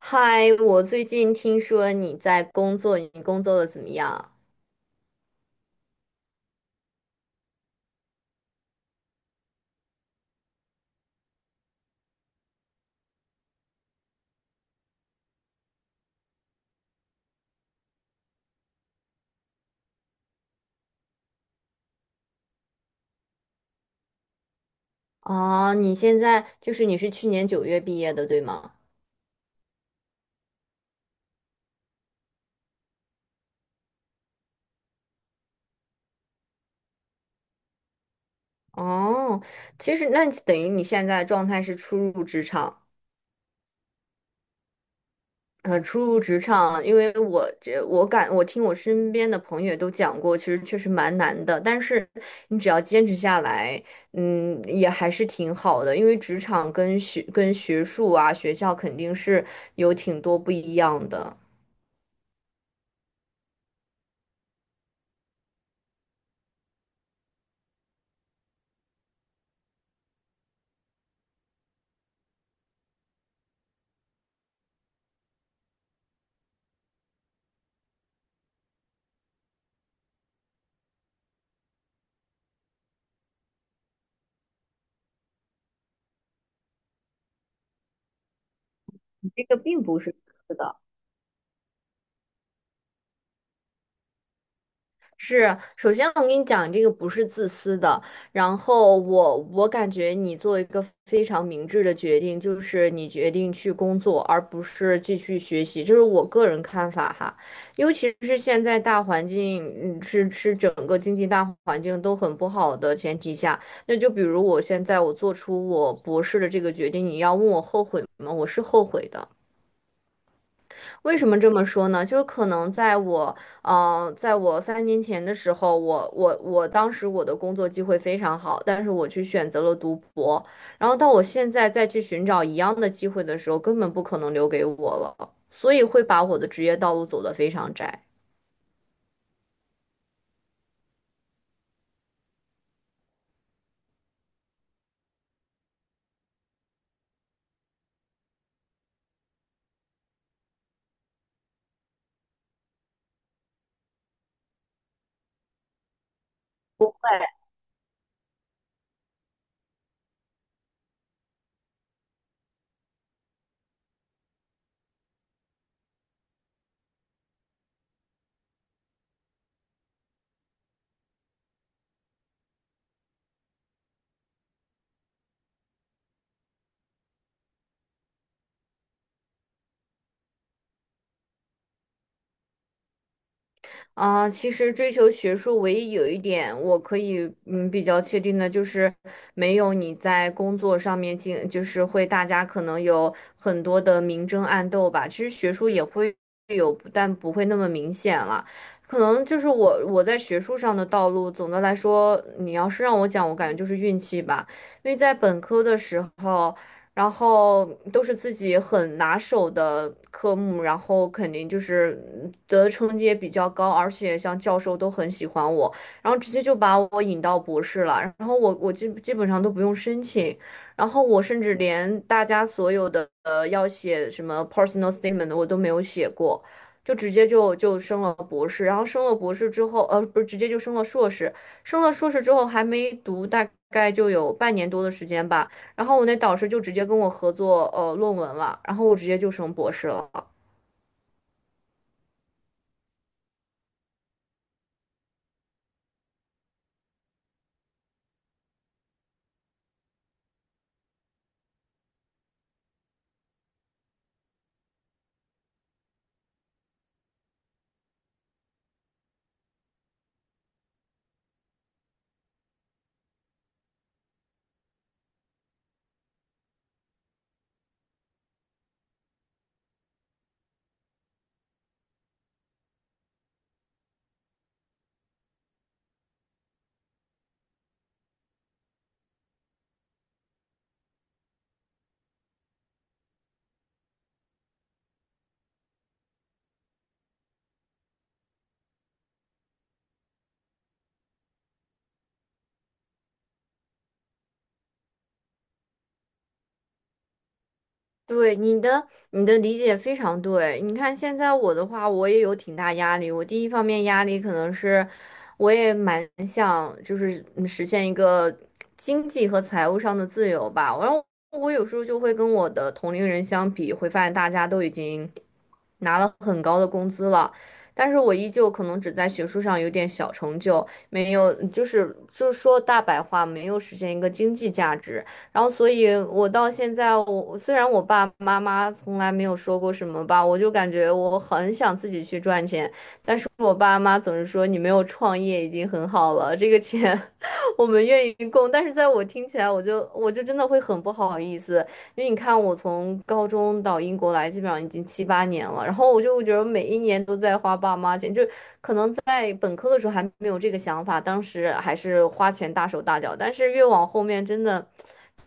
嗨，我最近听说你在工作，你工作的怎么样？哦，你现在就是你是去年九月毕业的，对吗？哦，其实那等于你现在状态是初入职场。初入职场，因为我听我身边的朋友也都讲过，其实确实蛮难的，但是你只要坚持下来，嗯，也还是挺好的，因为职场跟学术啊，学校肯定是有挺多不一样的。这个并不是是的。是，首先我跟你讲，这个不是自私的。然后我感觉你做一个非常明智的决定，就是你决定去工作，而不是继续学习，这是我个人看法哈。尤其是现在大环境，嗯，是整个经济大环境都很不好的前提下，那就比如我现在我做出我博士的这个决定，你要问我后悔吗？我是后悔的。为什么这么说呢？就可能在我，在我三年前的时候，我当时我的工作机会非常好，但是我去选择了读博，然后到我现在再去寻找一样的机会的时候，根本不可能留给我了，所以会把我的职业道路走得非常窄。啊，其实追求学术，唯一有一点我可以嗯比较确定的就是，没有你在工作上面进，就是会大家可能有很多的明争暗斗吧。其实学术也会有，但不会那么明显了。可能就是我在学术上的道路，总的来说，你要是让我讲，我感觉就是运气吧。因为在本科的时候。然后都是自己很拿手的科目，然后肯定就是得的成绩也比较高，而且像教授都很喜欢我，然后直接就把我引到博士了，然后我基本上都不用申请，然后我甚至连大家所有的要写什么 personal statement 的我都没有写过。就直接就升了博士，然后升了博士之后，呃，不是直接就升了硕士，升了硕士之后还没读，大概就有半年多的时间吧。然后我那导师就直接跟我合作论文了，然后我直接就升博士了。对你的理解非常对。你看现在我的话，我也有挺大压力。我第一方面压力可能是，我也蛮想就是嗯实现一个经济和财务上的自由吧。然后我有时候就会跟我的同龄人相比，会发现大家都已经拿了很高的工资了，但是我依旧可能只在学术上有点小成就，没有就是说大白话，没有实现一个经济价值。然后所以我到现在我，虽然我爸爸妈妈从来没有说过什么吧，我就感觉我很想自己去赚钱，但是我爸妈总是说你没有创业已经很好了，这个钱 我们愿意供，但是在我听起来，我就真的会很不好意思，因为你看我从高中到英国来，基本上已经七八年了，然后我就觉得每一年都在花爸妈钱，就在本科的时候还没有这个想法，当时还是花钱大手大脚，但是越往后面真的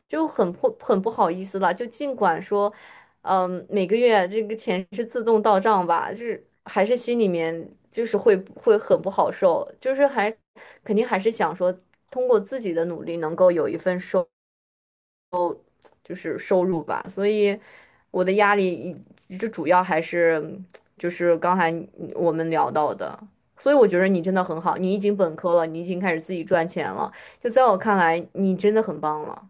就很不好意思了。就尽管说，嗯，每个月这个钱是自动到账吧，就是还是心里面就是会很不好受，就是肯定还是想说通过自己的努力能够有一份收。就是收入吧，所以我的压力就主要还是就是刚才我们聊到的，所以我觉得你真的很好，你已经本科了，你已经开始自己赚钱了，就在我看来，你真的很棒了。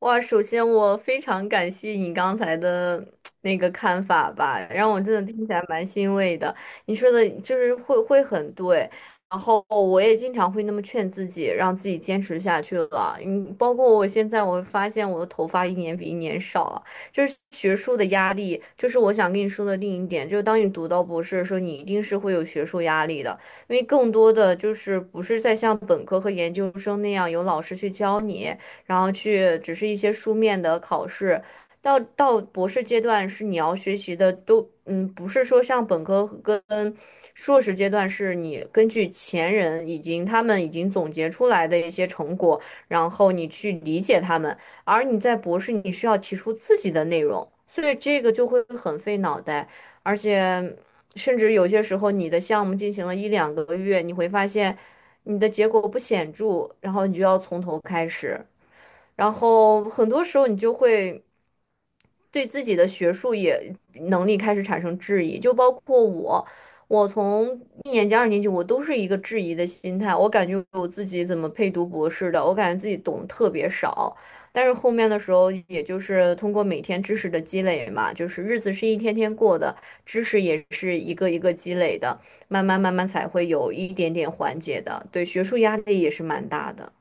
哇，首先我非常感谢你刚才的那个看法吧，让我真的听起来蛮欣慰的。你说的就是会很对，然后我也经常会那么劝自己，让自己坚持下去了。嗯，包括我现在，我会发现我的头发一年比一年少了，就是学术的压力，就是我想跟你说的另一点，就是当你读到博士的时候，你一定是会有学术压力的，因为更多的就是不是在像本科和研究生那样有老师去教你。然后去只是一些书面的考试。到博士阶段是你要学习的都，嗯，不是说像本科跟硕士阶段是你根据前人已经他们已经总结出来的一些成果，然后你去理解他们，而你在博士你需要提出自己的内容，所以这个就会很费脑袋，而且甚至有些时候你的项目进行了一两个月，你会发现你的结果不显著，然后你就要从头开始。然后很多时候你就会对自己的学术也能力开始产生质疑，就包括我，我从一年级、二年级，我都是一个质疑的心态，我感觉我自己怎么配读博士的，我感觉自己懂得特别少，但是后面的时候，也就是通过每天知识的积累嘛，就是日子是一天天过的，知识也是一个一个积累的，慢慢才会有一点点缓解的，对学术压力也是蛮大的。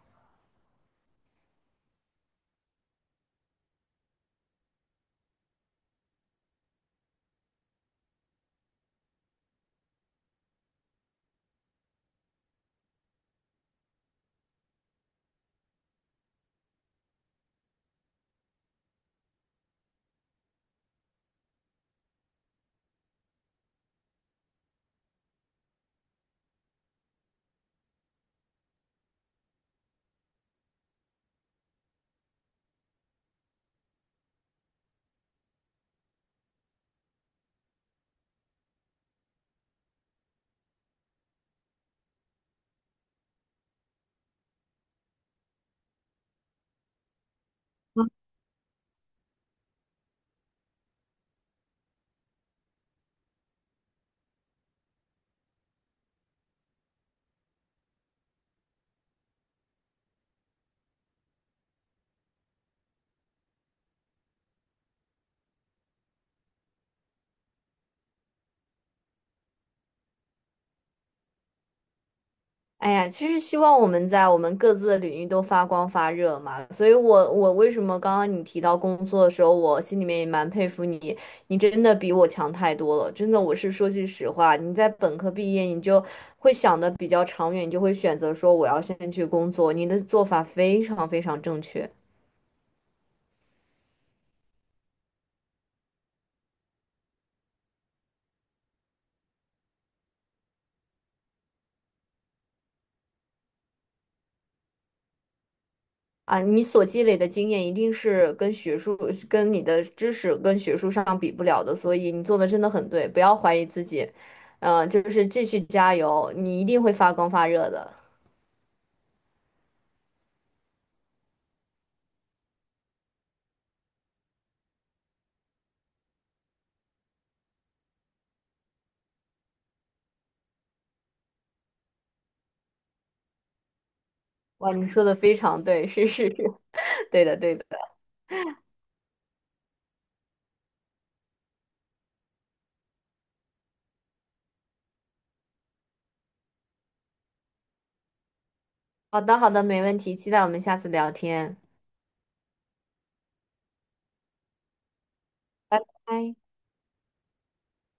哎呀，其实希望我们在我们各自的领域都发光发热嘛。所以我，我为什么刚刚你提到工作的时候，我心里面也蛮佩服你，你真的比我强太多了。真的，我是说句实话，你在本科毕业，你就会想的比较长远，你就会选择说我要先去工作，你的做法非常非常正确。啊，你所积累的经验一定是跟学术、跟你的知识、跟学术上比不了的，所以你做的真的很对，不要怀疑自己，嗯、就是继续加油，你一定会发光发热的。哇，你说的非常对，是是是，对的对的。好的好的，没问题，期待我们下次聊天，拜拜。